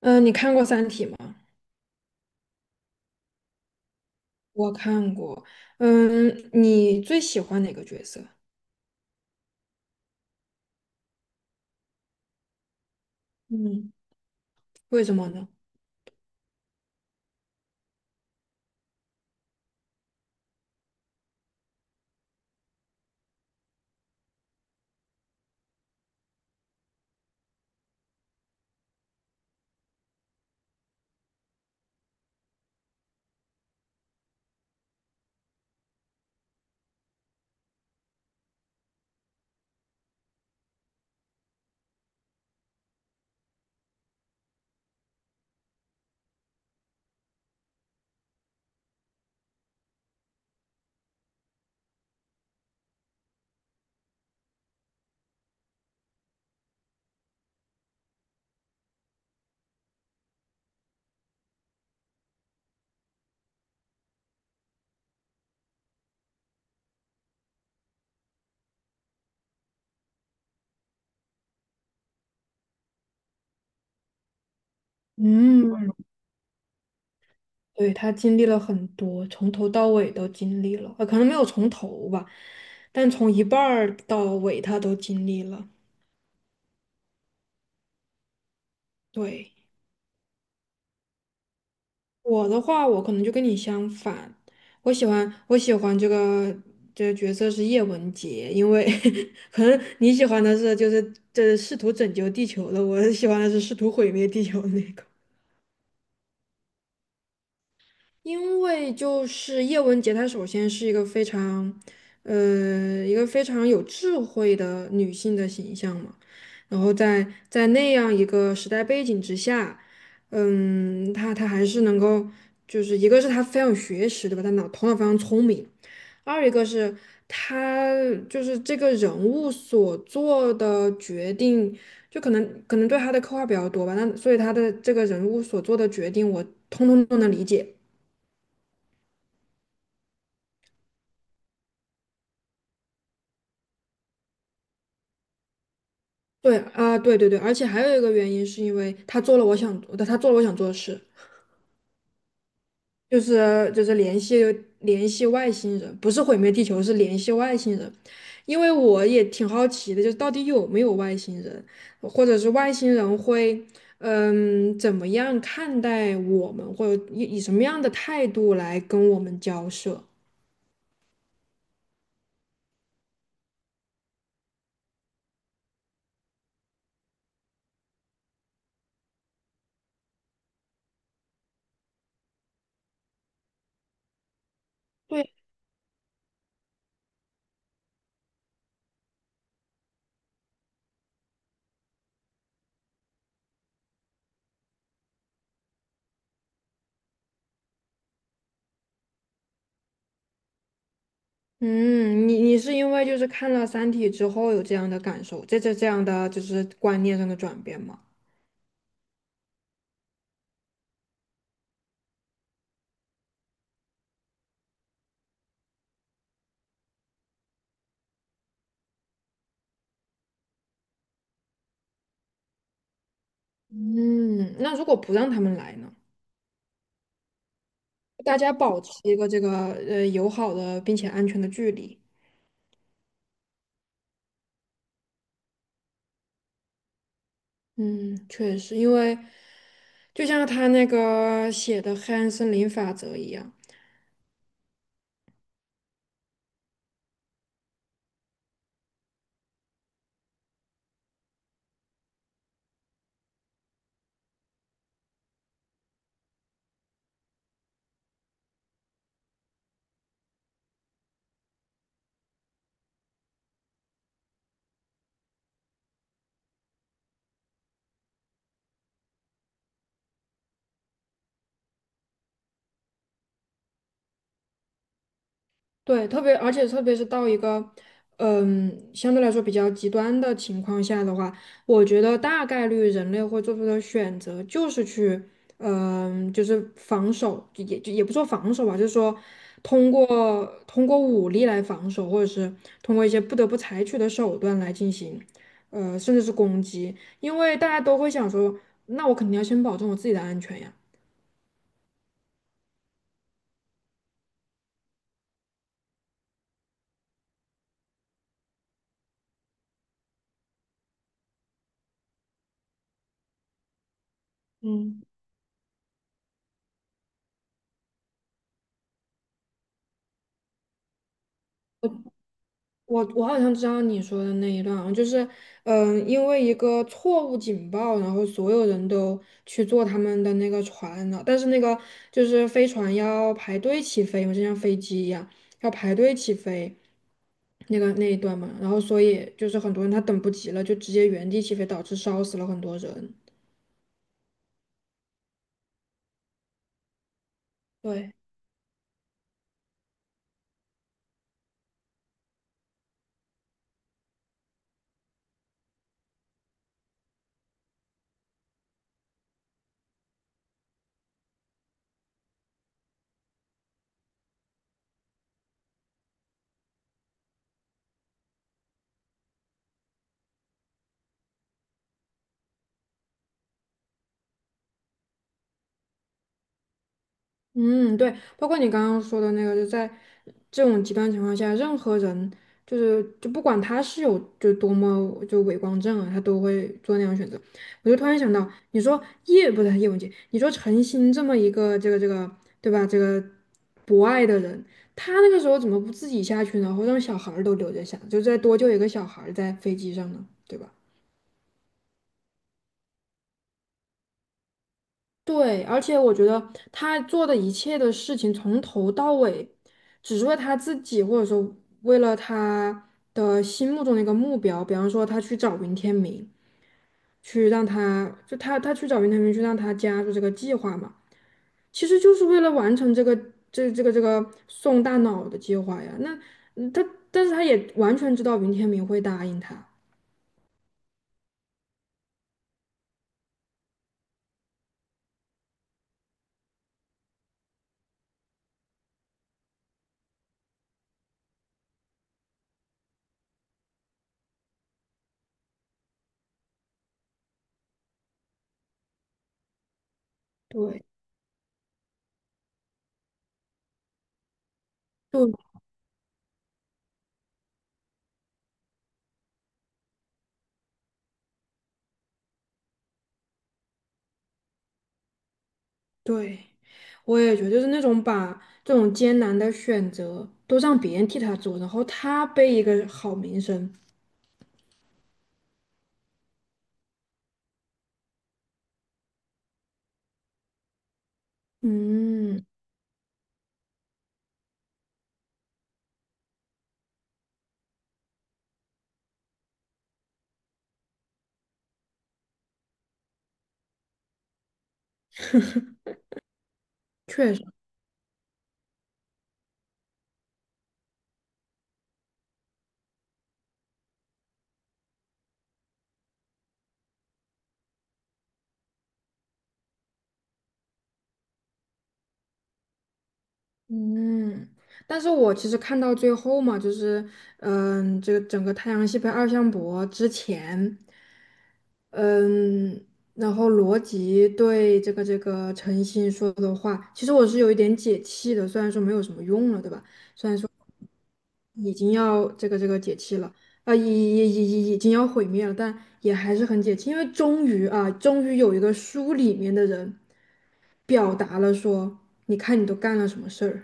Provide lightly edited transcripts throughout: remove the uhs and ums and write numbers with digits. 嗯，你看过《三体》吗？我看过。你最喜欢哪个角色？嗯为什么呢？嗯，对，他经历了很多，从头到尾都经历了，可能没有从头吧，但从一半儿到尾他都经历了。对，我的话，我可能就跟你相反，我喜欢这个角色是叶文洁，因为 可能你喜欢的是就是这试图拯救地球的，我喜欢的是试图毁灭地球的那个。因为就是叶文洁，她首先是一个非常有智慧的女性的形象嘛。然后在那样一个时代背景之下，她还是能够，就是一个是她非常有学识，对吧？她头脑非常聪明。二一个是她就是这个人物所做的决定，就可能对她的刻画比较多吧。那所以她的这个人物所做的决定，我通通都能理解。对啊，对对对，而且还有一个原因是因为他做了我想做的事，就是联系外星人，不是毁灭地球，是联系外星人。因为我也挺好奇的，就是到底有没有外星人，或者是外星人会怎么样看待我们，或者以什么样的态度来跟我们交涉？对，嗯，你是因为就是看了《三体》之后有这样的感受，这样的就是观念上的转变吗？嗯，那如果不让他们来呢？大家保持一个这个友好的并且安全的距离。嗯，确实，因为就像他那个写的《黑暗森林法则》一样。对，特别而且特别是到一个，相对来说比较极端的情况下的话，我觉得大概率人类会做出的选择就是去，就是防守，就也不说防守吧，就是说通过通过武力来防守，或者是通过一些不得不采取的手段来进行，甚至是攻击，因为大家都会想说，那我肯定要先保证我自己的安全呀。我好像知道你说的那一段啊，就是，因为一个错误警报，然后所有人都去坐他们的那个船了，但是那个就是飞船要排队起飞嘛，就像飞机一样要排队起飞，那个那一段嘛，然后所以就是很多人他等不及了，就直接原地起飞，导致烧死了很多人。对。嗯，对，包括你刚刚说的那个，就在这种极端情况下，任何人就是就不管他是有就多么就伪光正啊，他都会做那样的选择。我就突然想到，你说叶不是叶文洁，你说陈星这么一个这个对吧，这个博爱的人，他那个时候怎么不自己下去呢？或者让小孩儿都留着下，就再多救一个小孩儿在飞机上呢，对吧？对，而且我觉得他做的一切的事情，从头到尾，只是为他自己，或者说为了他的心目中的一个目标。比方说，他去找云天明，去让他就他他去找云天明，去让他加入这个计划嘛，其实就是为了完成这个这个送大脑的计划呀。那嗯他但是他也完全知道云天明会答应他。对，对，我也觉得就是那种把这种艰难的选择都让别人替他做，然后他背一个好名声。嗯，确实，嗯。但是我其实看到最后嘛，就是这个整个太阳系被二向箔之前，嗯，然后罗辑对这个陈星说的话，其实我是有一点解气的，虽然说没有什么用了，对吧？已经要这个解气了，啊，已经要毁灭了，但也还是很解气，因为终于啊，终于有一个书里面的人表达了说，你看你都干了什么事儿。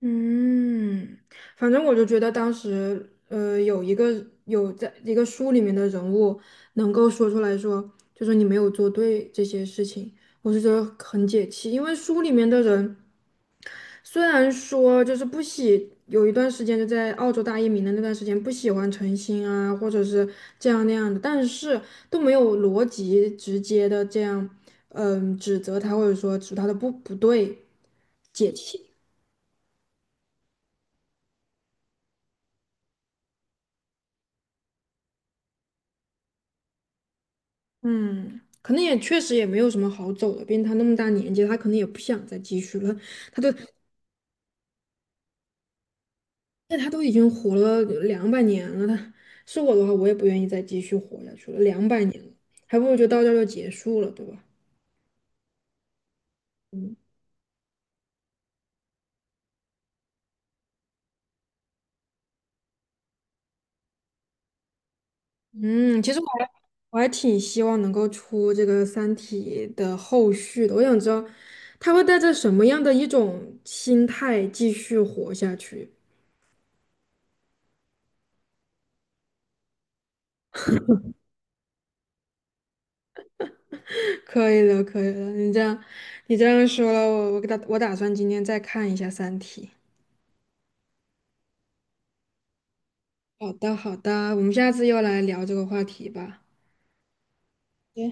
嗯，反正我就觉得当时，有一个有在一个书里面的人物能够说出来说，就说你没有做对这些事情，我是觉得很解气，因为书里面的人。虽然说就是不喜，有一段时间就在澳洲大移民的那段时间不喜欢陈星啊，或者是这样那样的，但是都没有逻辑直接的这样，指责他或者说指他的不对，解气。嗯，可能也确实也没有什么好走的，毕竟他那么大年纪，他可能也不想再继续了。他都，那他都已经活了两百年了，是我的话，我也不愿意再继续活下去了，两百年了，还不如就到这儿就结束了，对吧？嗯，其实我还挺希望能够出这个《三体》的后续的。我想知道他会带着什么样的一种心态继续活下去。可以了，可以了，你这样说了，我我给他我打算今天再看一下《三体》。好的，好的，我们下次又来聊这个话题吧。对。